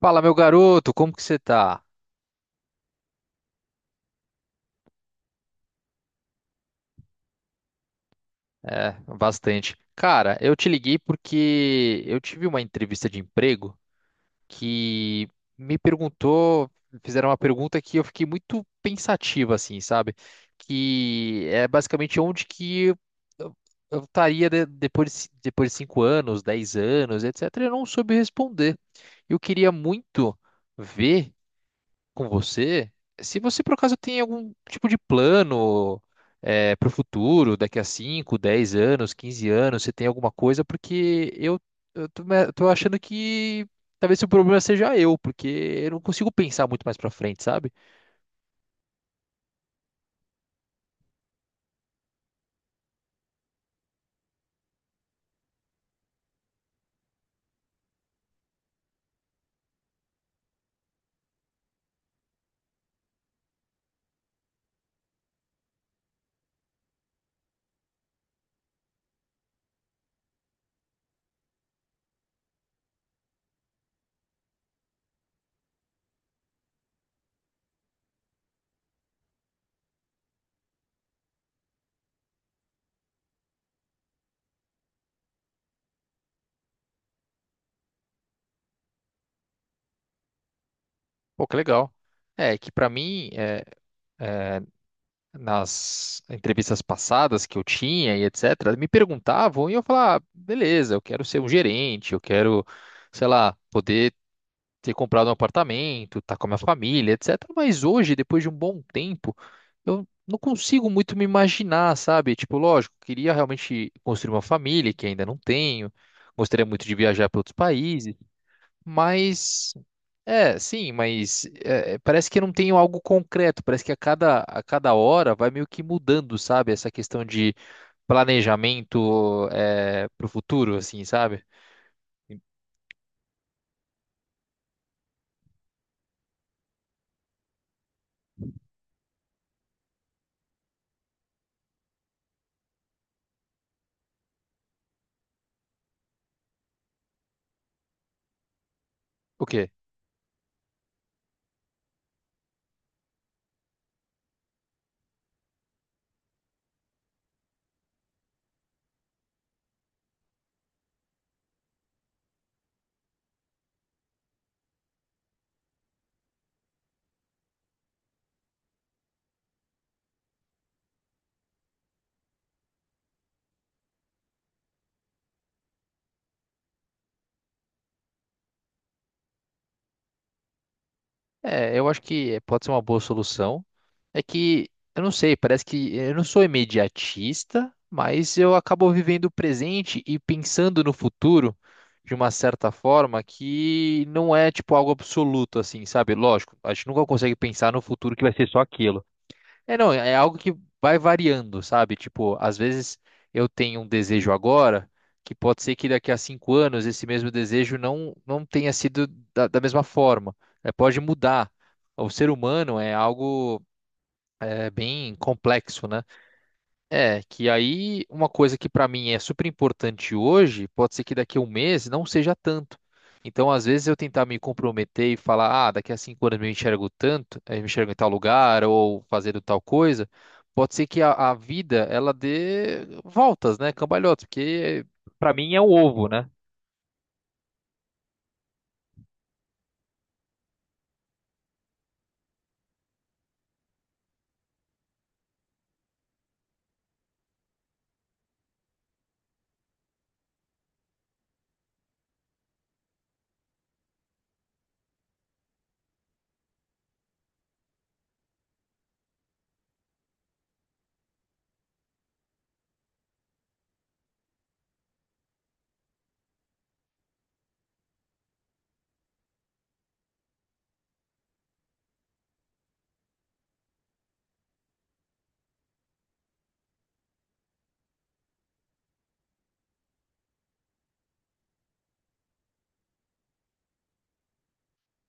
Fala, meu garoto, como que você tá? É, bastante. Cara, eu te liguei porque eu tive uma entrevista de emprego que me perguntou, fizeram uma pergunta que eu fiquei muito pensativa, assim, sabe? Que é basicamente onde que eu estaria, depois de 5 anos, 10 anos, etc. Eu não soube responder. Eu queria muito ver com você, se você por acaso tem algum tipo de plano para o futuro, daqui a 5 10 anos, 15 anos, você tem alguma coisa, porque eu tô achando que talvez o problema seja eu, porque eu não consigo pensar muito mais para frente, sabe? Pô, que legal. É, que para mim, é, nas entrevistas passadas que eu tinha e etc., me perguntavam e eu falava, ah, beleza, eu quero ser um gerente, eu quero, sei lá, poder ter comprado um apartamento, tá com a minha família, etc. Mas hoje, depois de um bom tempo, eu não consigo muito me imaginar, sabe? Tipo, lógico, queria realmente construir uma família, que ainda não tenho. Gostaria muito de viajar para outros países. Mas, é, sim, mas parece que eu não tenho algo concreto. Parece que a cada hora vai meio que mudando, sabe? Essa questão de planejamento, para o futuro, assim, sabe? O quê? É, eu acho que pode ser uma boa solução. É que, eu não sei, parece que eu não sou imediatista, mas eu acabo vivendo o presente e pensando no futuro de uma certa forma que não é tipo algo absoluto, assim, sabe? Lógico, a gente nunca consegue pensar no futuro que vai ser só aquilo. É, não, é algo que vai variando, sabe? Tipo, às vezes eu tenho um desejo agora, que pode ser que daqui a 5 anos esse mesmo desejo não tenha sido da mesma forma. É, pode mudar. O ser humano é algo bem complexo, né? É, que aí uma coisa que pra mim é super importante hoje, pode ser que daqui a um mês não seja tanto. Então, às vezes eu tentar me comprometer e falar, ah, daqui a 5 anos eu me enxergo tanto, me enxergo em tal lugar ou fazendo tal coisa, pode ser que a vida ela dê voltas, né, cambalhotas, porque pra mim é o ovo, né?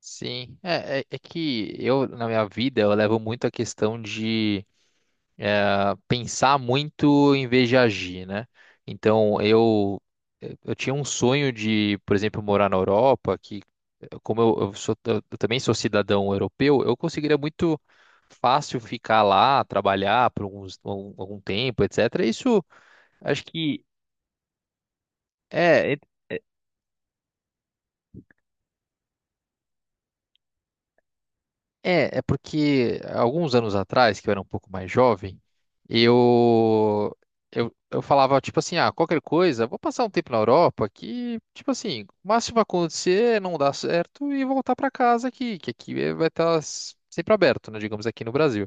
Sim, é que eu na minha vida eu levo muito a questão de pensar muito em vez de agir, né? Então, eu tinha um sonho de, por exemplo, morar na Europa, que, como eu também sou cidadão europeu, eu conseguiria muito fácil ficar lá, trabalhar por algum tempo, etc. Isso, acho que é. É, é porque alguns anos atrás, que eu era um pouco mais jovem, eu, eu falava, tipo assim, ah, qualquer coisa, vou passar um tempo na Europa que, tipo assim, o máximo que vai acontecer é não dar certo e voltar para casa aqui, que aqui, vai estar sempre aberto, né, digamos, aqui no Brasil.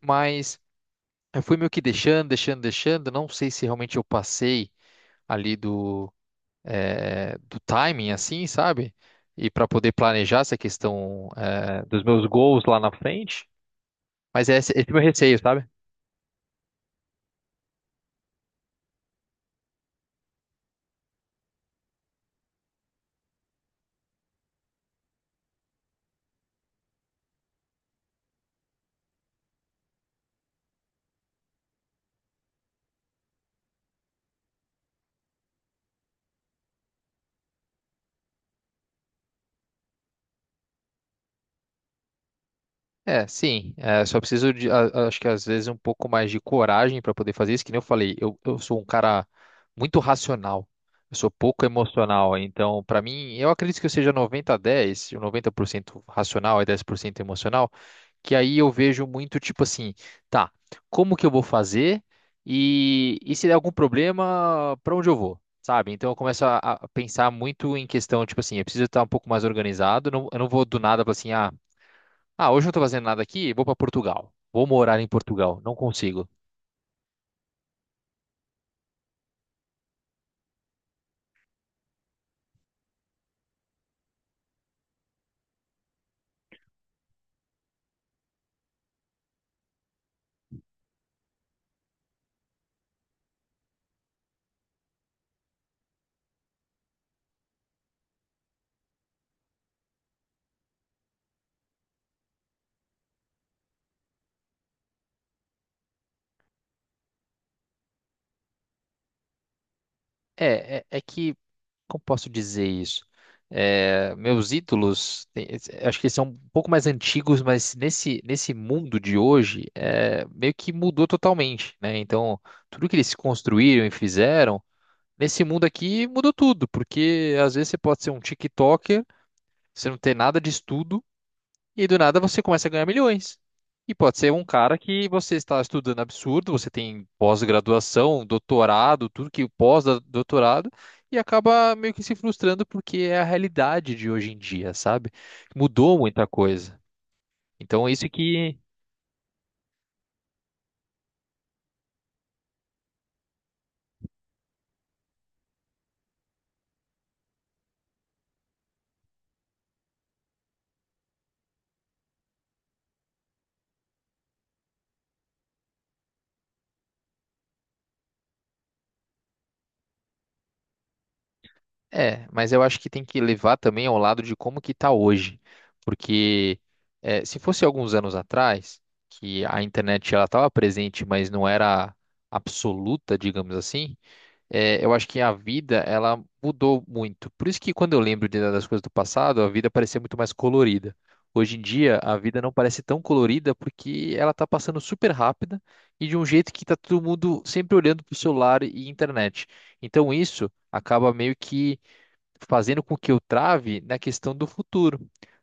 Mas eu fui meio que deixando, deixando, deixando, não sei se realmente eu passei ali do timing, assim, sabe? E para poder planejar essa questão, dos meus goals lá na frente. Mas esse é o meu receio, sabe? É, sim. É, só preciso de, acho que às vezes um pouco mais de coragem para poder fazer isso. Que nem eu falei, eu sou um cara muito racional. Eu sou pouco emocional. Então, para mim, eu acredito que eu seja 90 a dez, ou 90% racional e 10% emocional. Que aí eu vejo muito tipo assim, tá, como que eu vou fazer? E, se der algum problema, para onde eu vou? Sabe? Então eu começo a pensar muito em questão, tipo assim, eu preciso estar um pouco mais organizado. Eu não vou do nada, falar assim, ah. Ah, hoje eu não tô fazendo nada aqui, vou pra Portugal. Vou morar em Portugal, não consigo. É que, como posso dizer isso? É, meus ídolos, acho que eles são um pouco mais antigos, mas nesse mundo de hoje, meio que mudou totalmente, né? Então, tudo que eles construíram e fizeram, nesse mundo aqui mudou tudo, porque às vezes você pode ser um TikToker, você não ter nada de estudo, e do nada você começa a ganhar milhões. E pode ser um cara que você está estudando absurdo, você tem pós-graduação, doutorado, tudo que pós-doutorado, e acaba meio que se frustrando porque é a realidade de hoje em dia, sabe? Mudou muita coisa. Então, isso que é, mas eu acho que tem que levar também ao lado de como que tá hoje. Porque, se fosse alguns anos atrás, que a internet ela estava presente, mas não era absoluta, digamos assim. Eu acho que a vida, ela mudou muito. Por isso que quando eu lembro das coisas do passado, a vida parecia muito mais colorida. Hoje em dia, a vida não parece tão colorida porque ela tá passando super rápida e de um jeito que tá todo mundo sempre olhando pro celular e internet. Então isso acaba meio que fazendo com que eu trave na questão do futuro,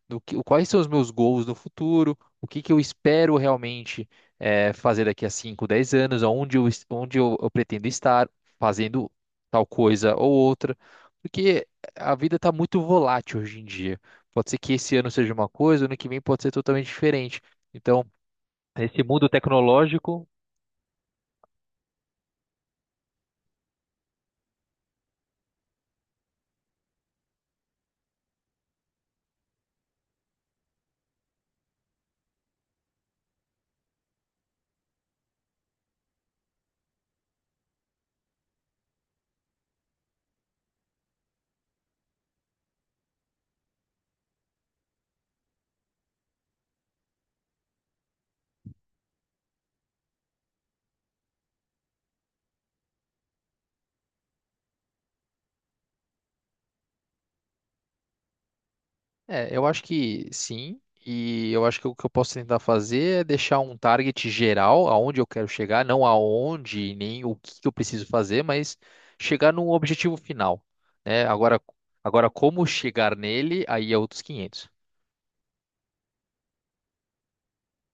do que, quais são os meus goals no futuro, o que que eu espero realmente, fazer daqui a 5, 10 anos, onde eu pretendo estar fazendo tal coisa ou outra, porque a vida está muito volátil hoje em dia. Pode ser que esse ano seja uma coisa, ano que vem pode ser totalmente diferente. Então, nesse mundo tecnológico. É, eu acho que sim, e eu acho que o que eu posso tentar fazer é deixar um target geral, aonde eu quero chegar, não aonde, nem o que que eu preciso fazer, mas chegar num objetivo final, né? Agora, como chegar nele, aí é outros 500.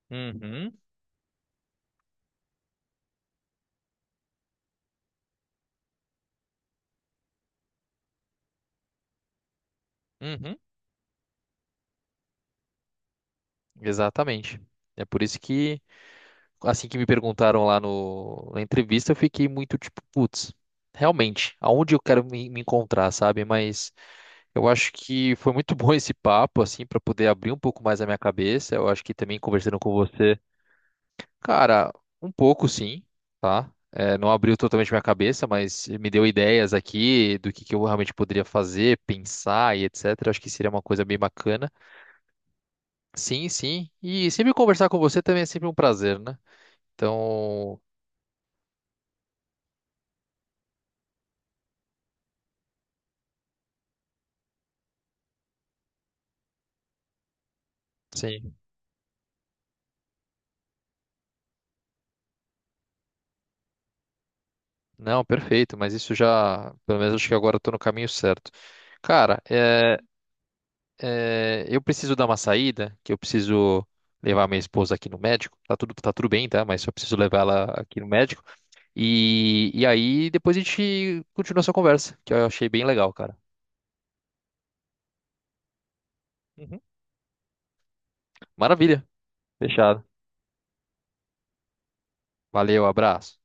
Uhum, uhum, exatamente. É por isso que, assim que me perguntaram lá no, na entrevista, eu fiquei muito tipo, putz, realmente, aonde eu quero me encontrar, sabe? Mas eu acho que foi muito bom esse papo, assim, para poder abrir um pouco mais a minha cabeça. Eu acho que também conversando com você, cara, um pouco sim, tá? É, não abriu totalmente minha cabeça, mas me deu ideias aqui do que eu realmente poderia fazer, pensar e etc. Acho que seria uma coisa bem bacana. Sim, sim. E sempre conversar com você também é sempre um prazer, né? Então, sim. Não, perfeito, mas isso já, pelo menos acho que agora eu tô no caminho certo. Cara, é. É, eu preciso dar uma saída, que eu preciso levar minha esposa aqui no médico. Tá tudo bem, tá? Mas só preciso levar ela aqui no médico. E, aí depois a gente continua essa conversa, que eu achei bem legal, cara. Uhum. Maravilha. Fechado. Valeu, abraço.